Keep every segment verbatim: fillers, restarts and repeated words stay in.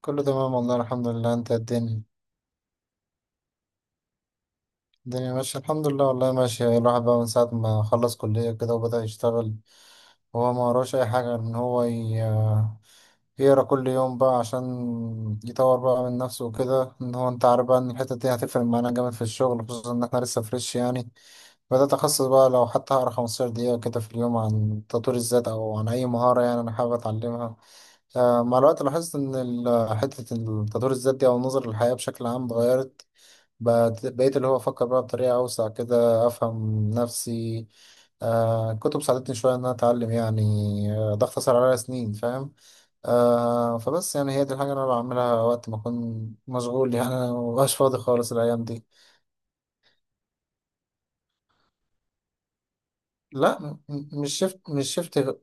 كله تمام والله الحمد لله، انت الدنيا الدنيا ماشية الحمد لله والله ماشية. الواحد بقى من ساعة ما خلص كلية كده وبدأ يشتغل. هو ما وراش أي حاجة إن هو ي- يقرا كل يوم بقى عشان يطور بقى من نفسه وكده، إن هو أنت عارف بقى إن الحتة دي هتفرق معانا جامد في الشغل، خصوصا إن إحنا لسه فريش يعني. بدأت أخصص بقى لو حتى هقرا خمستاشر دقيقة كده في اليوم عن تطوير الذات أو عن أي مهارة يعني أنا حابب أتعلمها. آه، مع الوقت لاحظت إن ال- حتة تطوير الذات دي أو النظر للحياة بشكل عام اتغيرت. بقت- بقيت اللي هو أفكر بقى بطريقة أوسع كده، أفهم نفسي. آه كتب ساعدتني شوية إن أنا أتعلم يعني. آه، ده اختصر عليا سنين، فاهم. آه فبس يعني هي دي الحاجة اللي أنا بعملها وقت ما أكون مشغول يعني أنا مبقاش فاضي خالص الأيام دي. لا، م- م- مش شفت مش شفت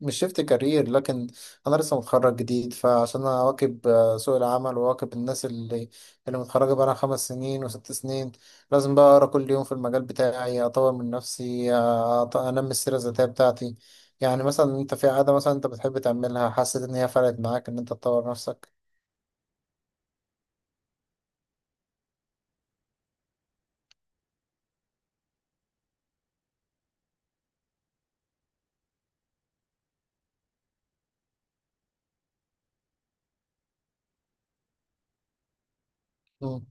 مش شفت كارير، لكن انا لسه متخرج جديد، فعشان اواكب آه، سوق العمل واواكب الناس اللي اللي متخرجه بقى خمس سنين وست سنين. لازم بقى اقرا كل يوم في المجال بتاعي، اطور من نفسي، آه، أط- انمي السيره الذاتيه بتاعتي. يعني مثلا انت في عاده مثلا انت بتحب تعملها حسيت ان هي فرقت معاك ان انت تطور نفسك؟ امم.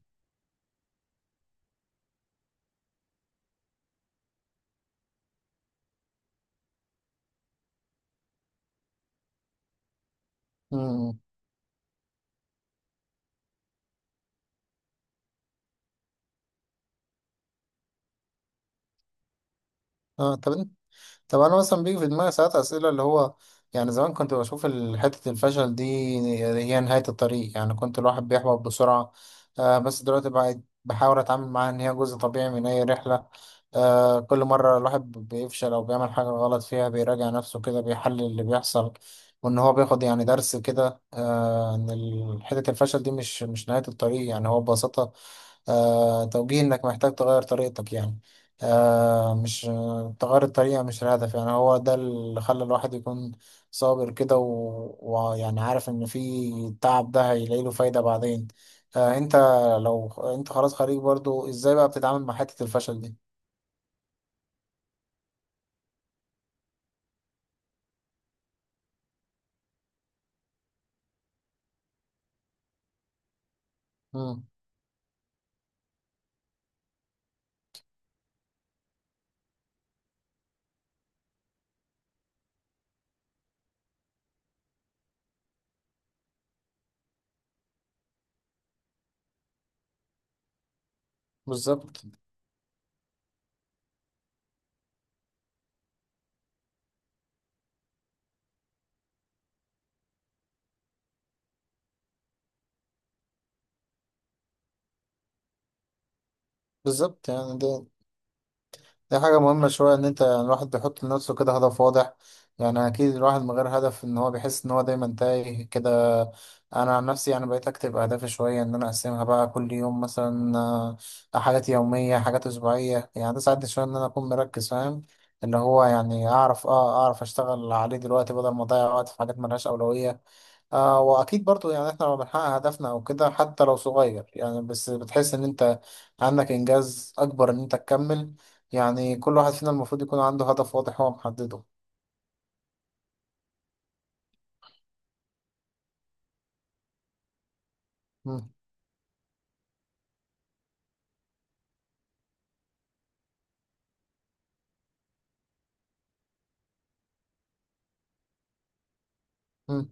امم. اه. طب طب انا مثلا بيجي في دماغي ساعات اسئله اللي هو يعني زمان كنت بشوف ال- حته الفشل دي هي نهايه الطريق، يعني كنت الواحد بيحبط بسرعه. آه بس دلوقتي بقيت بحاول اتعامل معاها ان هي جزء طبيعي من اي رحله. آه كل مره الواحد بيفشل او بيعمل حاجه غلط فيها بيراجع نفسه كده، بيحلل اللي بيحصل، وان هو بياخد يعني درس كده. آه ان ال- حته الفشل دي مش مش نهايه الطريق، يعني هو ببساطه آه توجيه انك محتاج تغير طريقتك يعني. آه مش تغير الطريقة مش الهدف، يعني هو ده اللي خلى الواحد يكون صابر كده و- ويعني عارف إن في التعب ده هيلاقي له فايدة بعدين. آه أنت لو أنت خلاص خريج برضو، إزاي بقى بتتعامل مع حتة الفشل دي؟ مم. بالظبط. بالظبط، يعني ده دي حاجة مهمة شوية إن أنت يعني الواحد بيحط لنفسه كده هدف واضح. يعني أكيد الواحد من غير هدف إن هو بيحس إن هو دايما تايه كده. أنا عن نفسي يعني بقيت أكتب أهدافي شوية إن أنا أقسمها بقى كل يوم مثلا، آه، حاجات يومية، حاجات أسبوعية. يعني ده ساعدني شوية إن أنا أكون مركز، فاهم؟ اللي هو يعني أعرف أه أعرف أشتغل عليه دلوقتي بدل ما أضيع وقت في حاجات ملهاش أولوية. آه واكيد برضو يعني احنا لما بنحقق هدفنا او كده حتى لو صغير يعني، بس بتحس ان انت عندك انجاز اكبر ان انت تكمل. يعني كل واحد فينا المفروض يكون عنده هدف واضح هو محدده. مم. مم.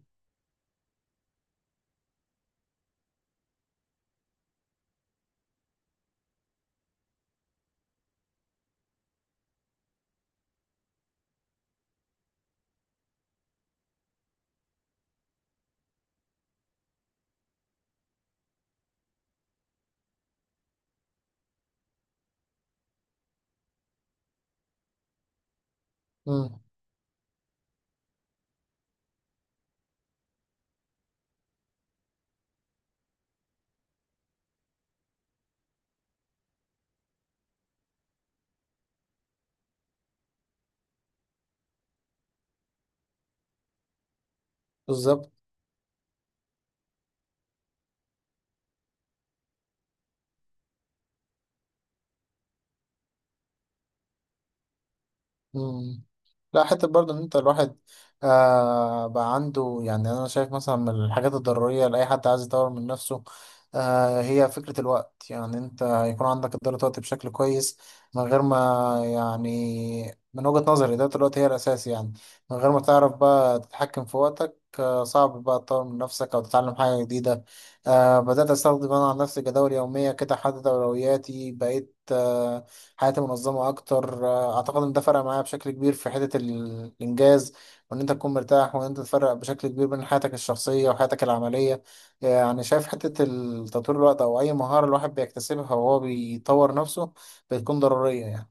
مم. بالظبط. مم. لا، حتى برضه ان انت الواحد آه بقى عنده، يعني انا شايف مثلا من الحاجات الضرورية لأي حد عايز يطور من نفسه آه هي فكرة الوقت. يعني انت يكون عندك إدارة وقت بشكل كويس من غير ما يعني، من وجهة نظري إدارة الوقت هي الأساس يعني. من غير ما تعرف بقى تتحكم في وقتك صعب بقى تطور من نفسك أو تتعلم حاجة جديدة. آه بدأت أستخدم أنا عن نفسي جداول يومية كده، أحدد أولوياتي، بقيت آه حياتي منظمة أكتر. آه أعتقد إن ده فرق معايا بشكل كبير في حتة ال- الإنجاز، وإن أنت تكون مرتاح وإن أنت تفرق بشكل كبير بين حياتك الشخصية وحياتك العملية. آه، يعني شايف حتة ال- تطوير الوقت أو أي مهارة الواحد بيكتسبها وهو بيطور نفسه بتكون ضرورية يعني.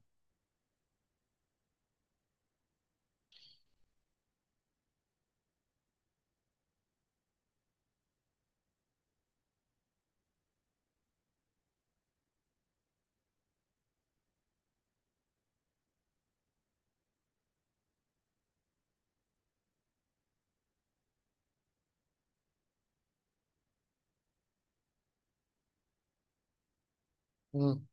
مم.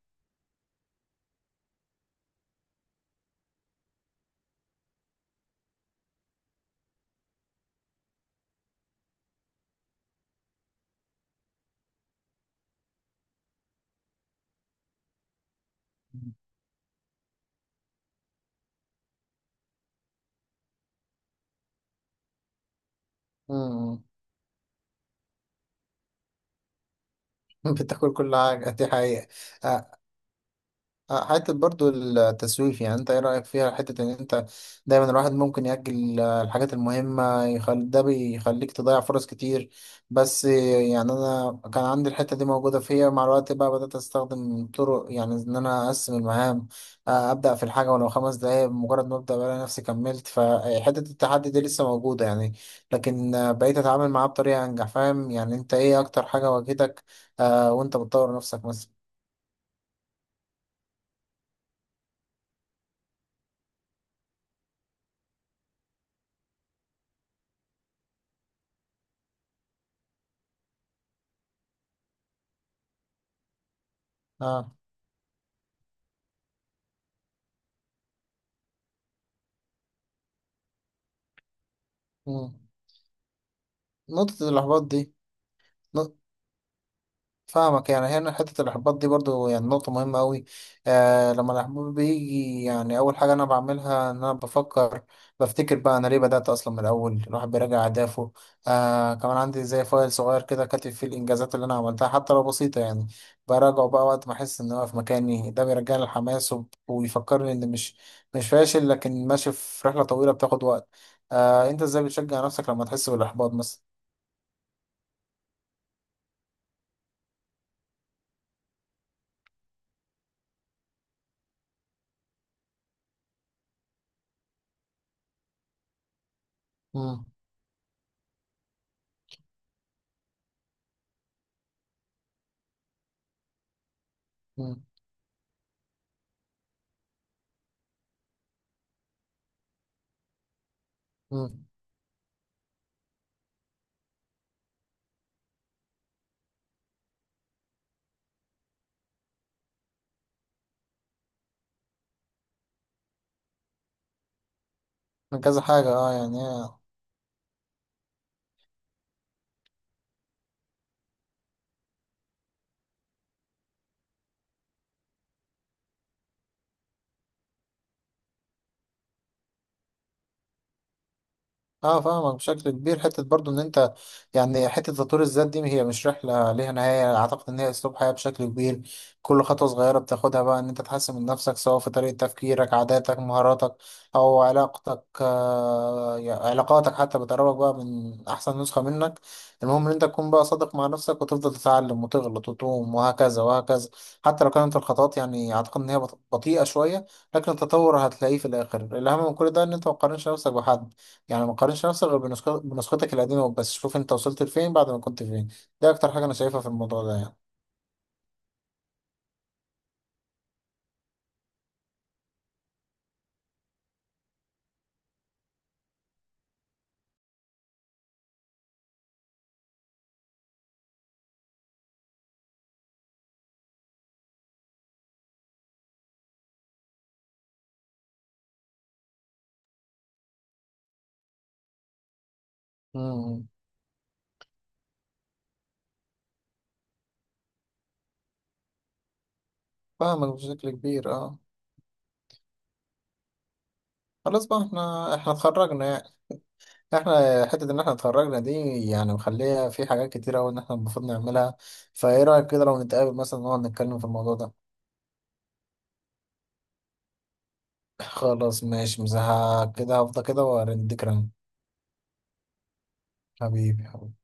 مم. بتاكل كل حاجة دي حقيقة. آه، آه، حتة برضو التسويف، يعني انت ايه رأيك فيها؟ حتة ان انت دايما الواحد ممكن يأجل آه، الحاجات المهمة، يخل... ده بيخليك تضيع فرص كتير، بس آه، يعني انا كان عندي الحتة دي موجودة فيا. مع الوقت بقى بدأت استخدم طرق يعني ان انا اقسم المهام، آه، ابدأ في الحاجة ولو خمس دقايق. بمجرد ما ابدأ بلاقي نفسي كملت، فحتة التحدي دي لسه موجودة يعني، لكن آه، بقيت اتعامل معاه بطريقة انجح، فاهم؟ يعني انت ايه اكتر حاجة واجهتك آه، وانت بتطور نفسك مثلا؟ اه. مم. نقطة الإحباط دي. نق- فاهمك، يعني هنا حتة الإحباط دي برضو يعني نقطة مهمة أوي. آه لما الإحباط بيجي يعني أول حاجة أنا بعملها إن أنا بفكر، بفتكر بقى أنا ليه بدأت أصلا من الأول. الواحد بيراجع أهدافه. آه كمان عندي زي فايل صغير كده كاتب فيه الإنجازات اللي أنا عملتها حتى لو بسيطة يعني، براجعه بقى وقت ما أحس إن أنا في مكاني. ده بيرجعني الحماس وب- ويفكرني إن مش مش فاشل، لكن ماشي في رحلة طويلة بتاخد وقت. آه أنت إزاي بتشجع نفسك لما تحس بالإحباط مثلا؟ مم. مم. مم. من كذا حاجة، اه. يعني هي اه، فاهمك بشكل كبير. حته برضو ان انت يعني، حته تطوير الذات دي هي مش رحله ليها نهايه، اعتقد ان هي اسلوب حياه بشكل كبير. كل خطوه صغيره بتاخدها بقى ان انت تحسن من نفسك سواء في طريقه تفكيرك، عاداتك، مهاراتك، او علاقتك، آه يعني علاقاتك حتى بتقربك بقى من احسن نسخه منك. المهم ان انت تكون بقى صادق مع نفسك وتفضل تتعلم وتغلط وتقوم، وهكذا وهكذا، حتى لو كانت الخطوات يعني اعتقد ان هي بط- بطيئه شويه. لكن التطور هتلاقيه في الاخر. الاهم من كل ده ان انت ما تقارنش نفسك بحد، يعني ما تقارنش نفسك غير بنسخ- بنسختك القديمة، بس شوف انت وصلت لفين بعد ما كنت فين. ده اكتر حاجة انا شايفها في الموضوع ده يعني. امم. فاهمك بشكل كبير، اه. خلاص بقى، احنا احنا اتخرجنا يعني، احنا حتة ان احنا اتخرجنا دي يعني مخليها في حاجات كتيرة اوي ان احنا المفروض نعملها. فايه رأيك كده لو نتقابل مثلا نقعد نتكلم في الموضوع ده؟ خلاص ماشي، مش ه- كده هفضل كده وارن ذكرى. حبيبي حبيبي.